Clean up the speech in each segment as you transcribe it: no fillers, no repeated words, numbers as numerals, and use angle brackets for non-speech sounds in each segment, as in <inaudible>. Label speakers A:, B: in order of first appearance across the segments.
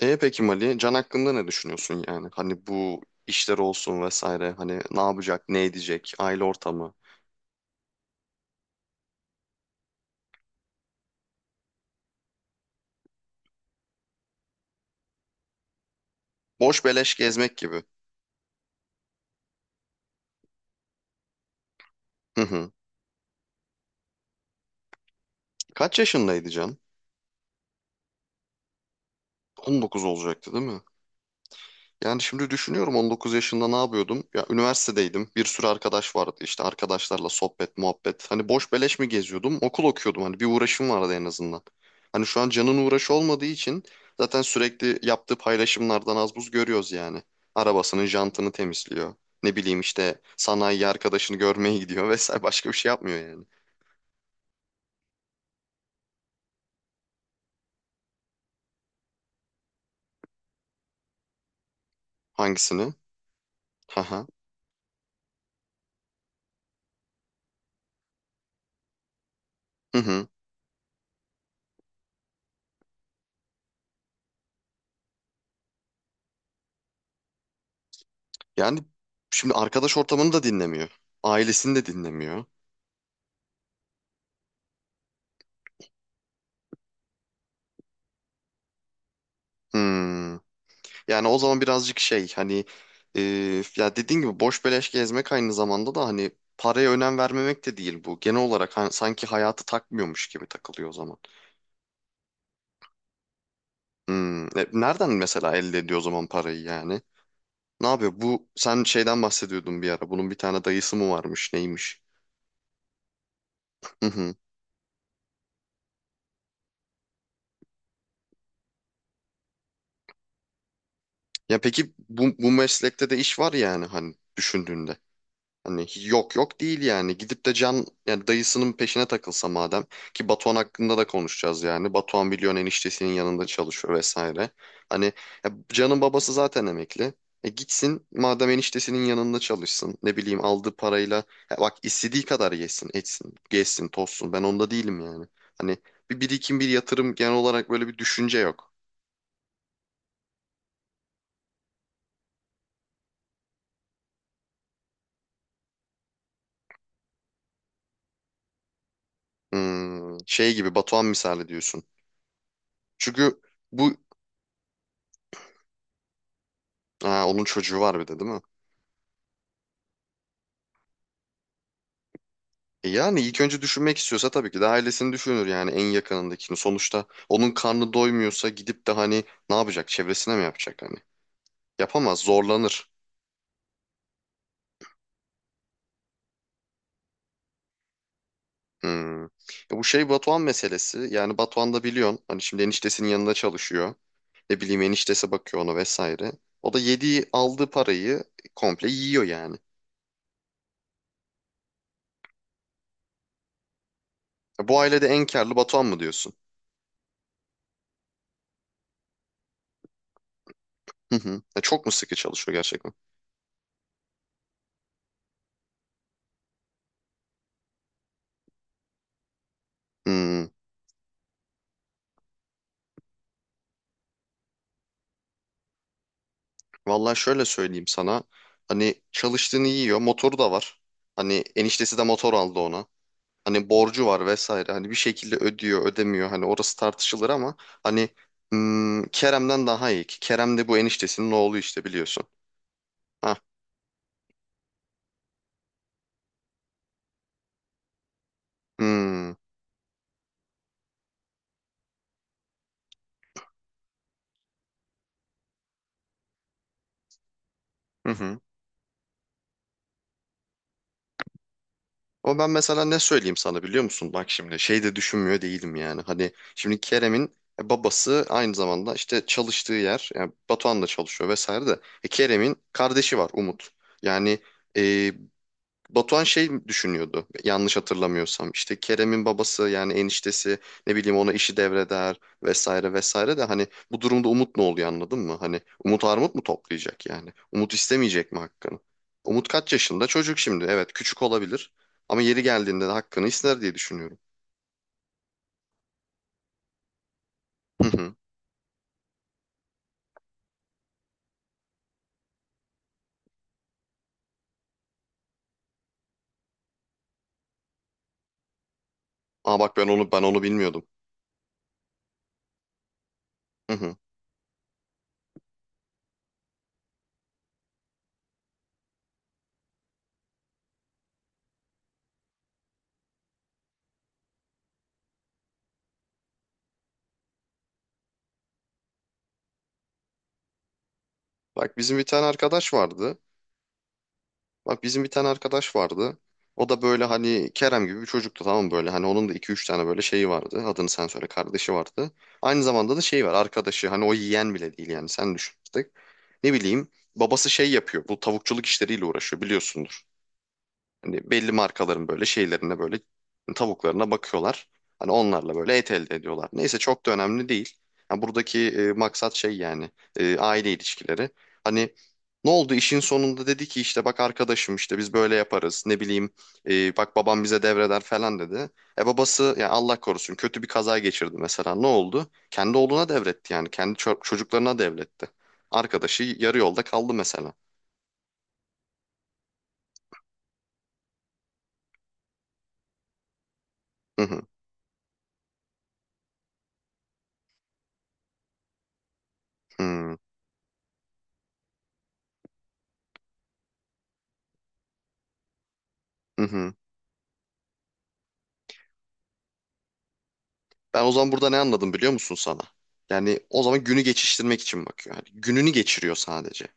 A: E peki Mali, Can hakkında ne düşünüyorsun yani? Hani bu işler olsun vesaire. Hani ne yapacak, ne edecek, aile ortamı. Boş beleş gezmek gibi. Hı hı. Kaç yaşındaydı Can? 19 olacaktı değil mi? Yani şimdi düşünüyorum 19 yaşında ne yapıyordum? Ya üniversitedeydim. Bir sürü arkadaş vardı. İşte arkadaşlarla sohbet, muhabbet. Hani boş beleş mi geziyordum? Okul okuyordum. Hani bir uğraşım vardı en azından. Hani şu an canın uğraşı olmadığı için zaten sürekli yaptığı paylaşımlardan az buz görüyoruz yani. Arabasının jantını temizliyor. Ne bileyim işte sanayi arkadaşını görmeye gidiyor <laughs> vesaire. Başka bir şey yapmıyor yani. Hangisini? Haha. Hı hı. Yani şimdi arkadaş ortamını da dinlemiyor. Ailesini de dinlemiyor. Hmm. Yani o zaman birazcık şey hani e, ya dediğin gibi boş beleş gezmek aynı zamanda da hani paraya önem vermemek de değil bu. Genel olarak hani sanki hayatı takmıyormuş gibi takılıyor o zaman. Hmm. Nereden mesela elde ediyor o zaman parayı yani? Ne yapıyor? Bu sen şeyden bahsediyordun bir ara. Bunun bir tane dayısı mı varmış, neymiş? Hı hı. Ya peki bu meslekte de iş var yani hani düşündüğünde. Hani yok yok değil yani. Gidip de Can yani dayısının peşine takılsa madem ki Batuhan hakkında da konuşacağız yani. Batuhan biliyorsun eniştesinin yanında çalışıyor vesaire. Hani ya Can'ın babası zaten emekli. E gitsin madem eniştesinin yanında çalışsın. Ne bileyim aldığı parayla ya bak istediği kadar yesin, etsin, gezsin, tozsun. Ben onda değilim yani. Hani bir birikim, bir yatırım genel olarak böyle bir düşünce yok. Hmm, şey gibi Batuhan misali diyorsun. Çünkü bu ha, onun çocuğu var bir de değil mi? E yani ilk önce düşünmek istiyorsa tabii ki de ailesini düşünür yani en yakınındakini. Sonuçta onun karnı doymuyorsa gidip de hani ne yapacak? Çevresine mi yapacak hani? Yapamaz, zorlanır. Hmm. E bu şey Batuhan meselesi. Yani Batuhan da biliyorsun hani şimdi eniştesinin yanında çalışıyor. Ne bileyim eniştesi bakıyor ona vesaire. O da yediği aldığı parayı komple yiyor yani. E bu ailede en karlı Batuhan mı diyorsun? Hı hı. E çok mu sıkı çalışıyor gerçekten? Hmm. Vallahi şöyle söyleyeyim sana. Hani çalıştığını yiyor. Motoru da var. Hani eniştesi de motor aldı ona. Hani borcu var vesaire. Hani bir şekilde ödüyor, ödemiyor. Hani orası tartışılır ama hani Kerem'den daha iyi ki. Kerem de bu eniştesinin oğlu işte biliyorsun. Ha. Hmm. Hı hı. Ama ben mesela ne söyleyeyim sana biliyor musun? Bak şimdi şey de düşünmüyor değilim yani. Hani şimdi Kerem'in babası aynı zamanda işte çalıştığı yer yani Batuhan da çalışıyor vesaire de. E, Kerem'in kardeşi var Umut. Yani e, Batuhan şey düşünüyordu yanlış hatırlamıyorsam işte Kerem'in babası yani eniştesi ne bileyim ona işi devreder vesaire vesaire de hani bu durumda Umut ne oluyor anladın mı? Hani Umut armut mu toplayacak yani? Umut istemeyecek mi hakkını? Umut kaç yaşında? Çocuk şimdi evet küçük olabilir ama yeri geldiğinde de hakkını ister diye düşünüyorum. Hı hı. Aa bak ben onu bilmiyordum. Hı hı. Bak bizim bir tane arkadaş vardı. Bak bizim bir tane arkadaş vardı. O da böyle hani Kerem gibi bir çocuktu, tamam mı? Böyle hani onun da iki üç tane böyle şeyi vardı. Adını sen söyle kardeşi vardı. Aynı zamanda da şey var arkadaşı hani o yiyen bile değil yani sen düşün artık. Ne bileyim babası şey yapıyor bu tavukçuluk işleriyle uğraşıyor biliyorsundur. Hani belli markaların böyle şeylerine böyle tavuklarına bakıyorlar. Hani onlarla böyle et elde ediyorlar. Neyse çok da önemli değil. Yani buradaki maksat şey yani aile ilişkileri. Hani ne oldu işin sonunda dedi ki işte bak arkadaşım işte biz böyle yaparız ne bileyim bak babam bize devreder falan dedi. E babası yani Allah korusun kötü bir kaza geçirdi mesela ne oldu? Kendi oğluna devretti yani kendi çocuklarına devretti. Arkadaşı yarı yolda kaldı mesela. Hı hı. Hı hı. Hı hı. Ben o zaman burada ne anladım biliyor musun sana? Yani o zaman günü geçiştirmek için bakıyor. Hani gününü geçiriyor sadece.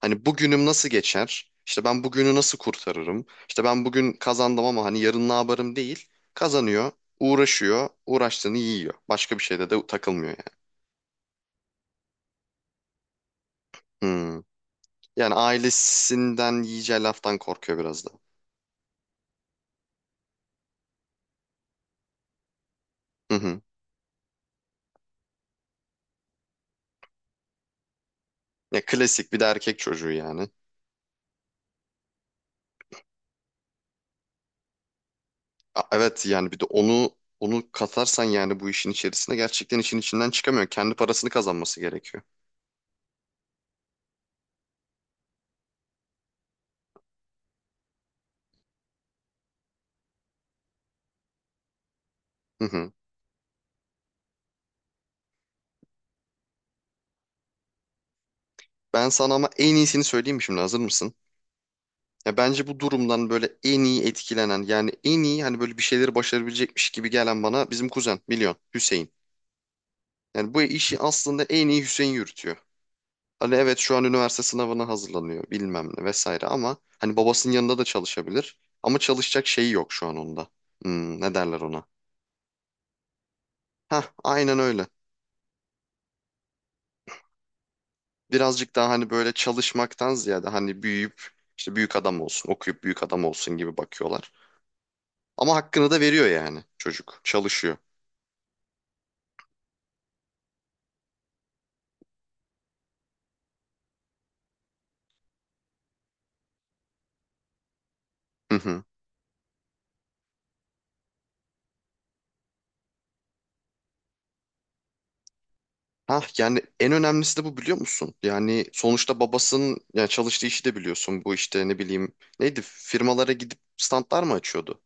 A: Hani bugünüm nasıl geçer? İşte ben bugünü nasıl kurtarırım? İşte ben bugün kazandım ama hani yarın ne yaparım değil. Kazanıyor, uğraşıyor, uğraştığını yiyor. Başka bir şeyde de takılmıyor yani. Hmm. Yani ailesinden yiyeceği laftan korkuyor biraz da. Hı hı. Ya klasik bir de erkek çocuğu yani. Evet yani bir de onu katarsan yani bu işin içerisine gerçekten işin içinden çıkamıyor. Kendi parasını kazanması gerekiyor. Hı hı. Ben sana ama en iyisini söyleyeyim mi şimdi hazır mısın? Ya bence bu durumdan böyle en iyi etkilenen yani en iyi hani böyle bir şeyleri başarabilecekmiş gibi gelen bana bizim kuzen biliyorsun Hüseyin. Yani bu işi aslında en iyi Hüseyin yürütüyor. Hani evet şu an üniversite sınavına hazırlanıyor bilmem ne vesaire ama hani babasının yanında da çalışabilir. Ama çalışacak şeyi yok şu an onda. Hmm, ne derler ona? Hah aynen öyle. Birazcık daha hani böyle çalışmaktan ziyade hani büyüyüp işte büyük adam olsun okuyup büyük adam olsun gibi bakıyorlar. Ama hakkını da veriyor yani çocuk. Çalışıyor. Hı hı. Hah yani en önemlisi de bu biliyor musun? Yani sonuçta babasının yani çalıştığı işi de biliyorsun. Bu işte ne bileyim neydi firmalara gidip standlar mı açıyordu?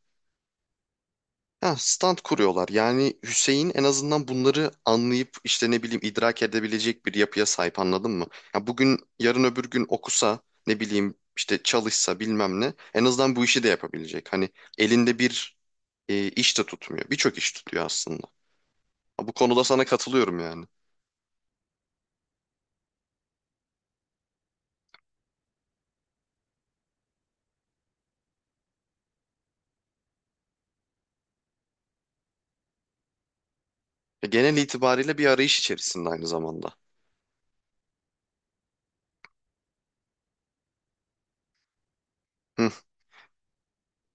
A: Ha, stand kuruyorlar. Yani Hüseyin en azından bunları anlayıp işte ne bileyim idrak edebilecek bir yapıya sahip anladın mı? Ya bugün yarın öbür gün okusa ne bileyim işte çalışsa bilmem ne en azından bu işi de yapabilecek. Hani elinde bir iş de tutmuyor. Birçok iş tutuyor aslında. Bu konuda sana katılıyorum yani. E, genel itibariyle bir arayış içerisinde aynı zamanda. Hı.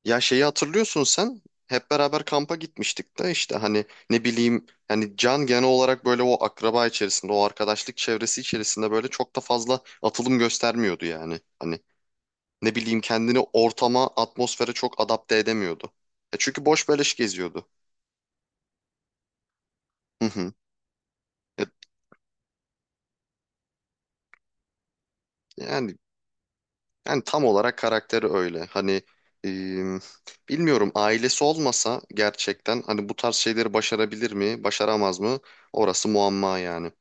A: Ya şeyi hatırlıyorsun sen. Hep beraber kampa gitmiştik de işte hani ne bileyim yani Can genel olarak böyle o akraba içerisinde o arkadaşlık çevresi içerisinde böyle çok da fazla atılım göstermiyordu yani. Hani ne bileyim kendini ortama atmosfere çok adapte edemiyordu. E çünkü boş beleş geziyordu. Hı hı. E, Yani Yani tam olarak karakteri öyle. Hani e, bilmiyorum ailesi olmasa gerçekten hani bu tarz şeyleri başarabilir mi, başaramaz mı? Orası muamma yani.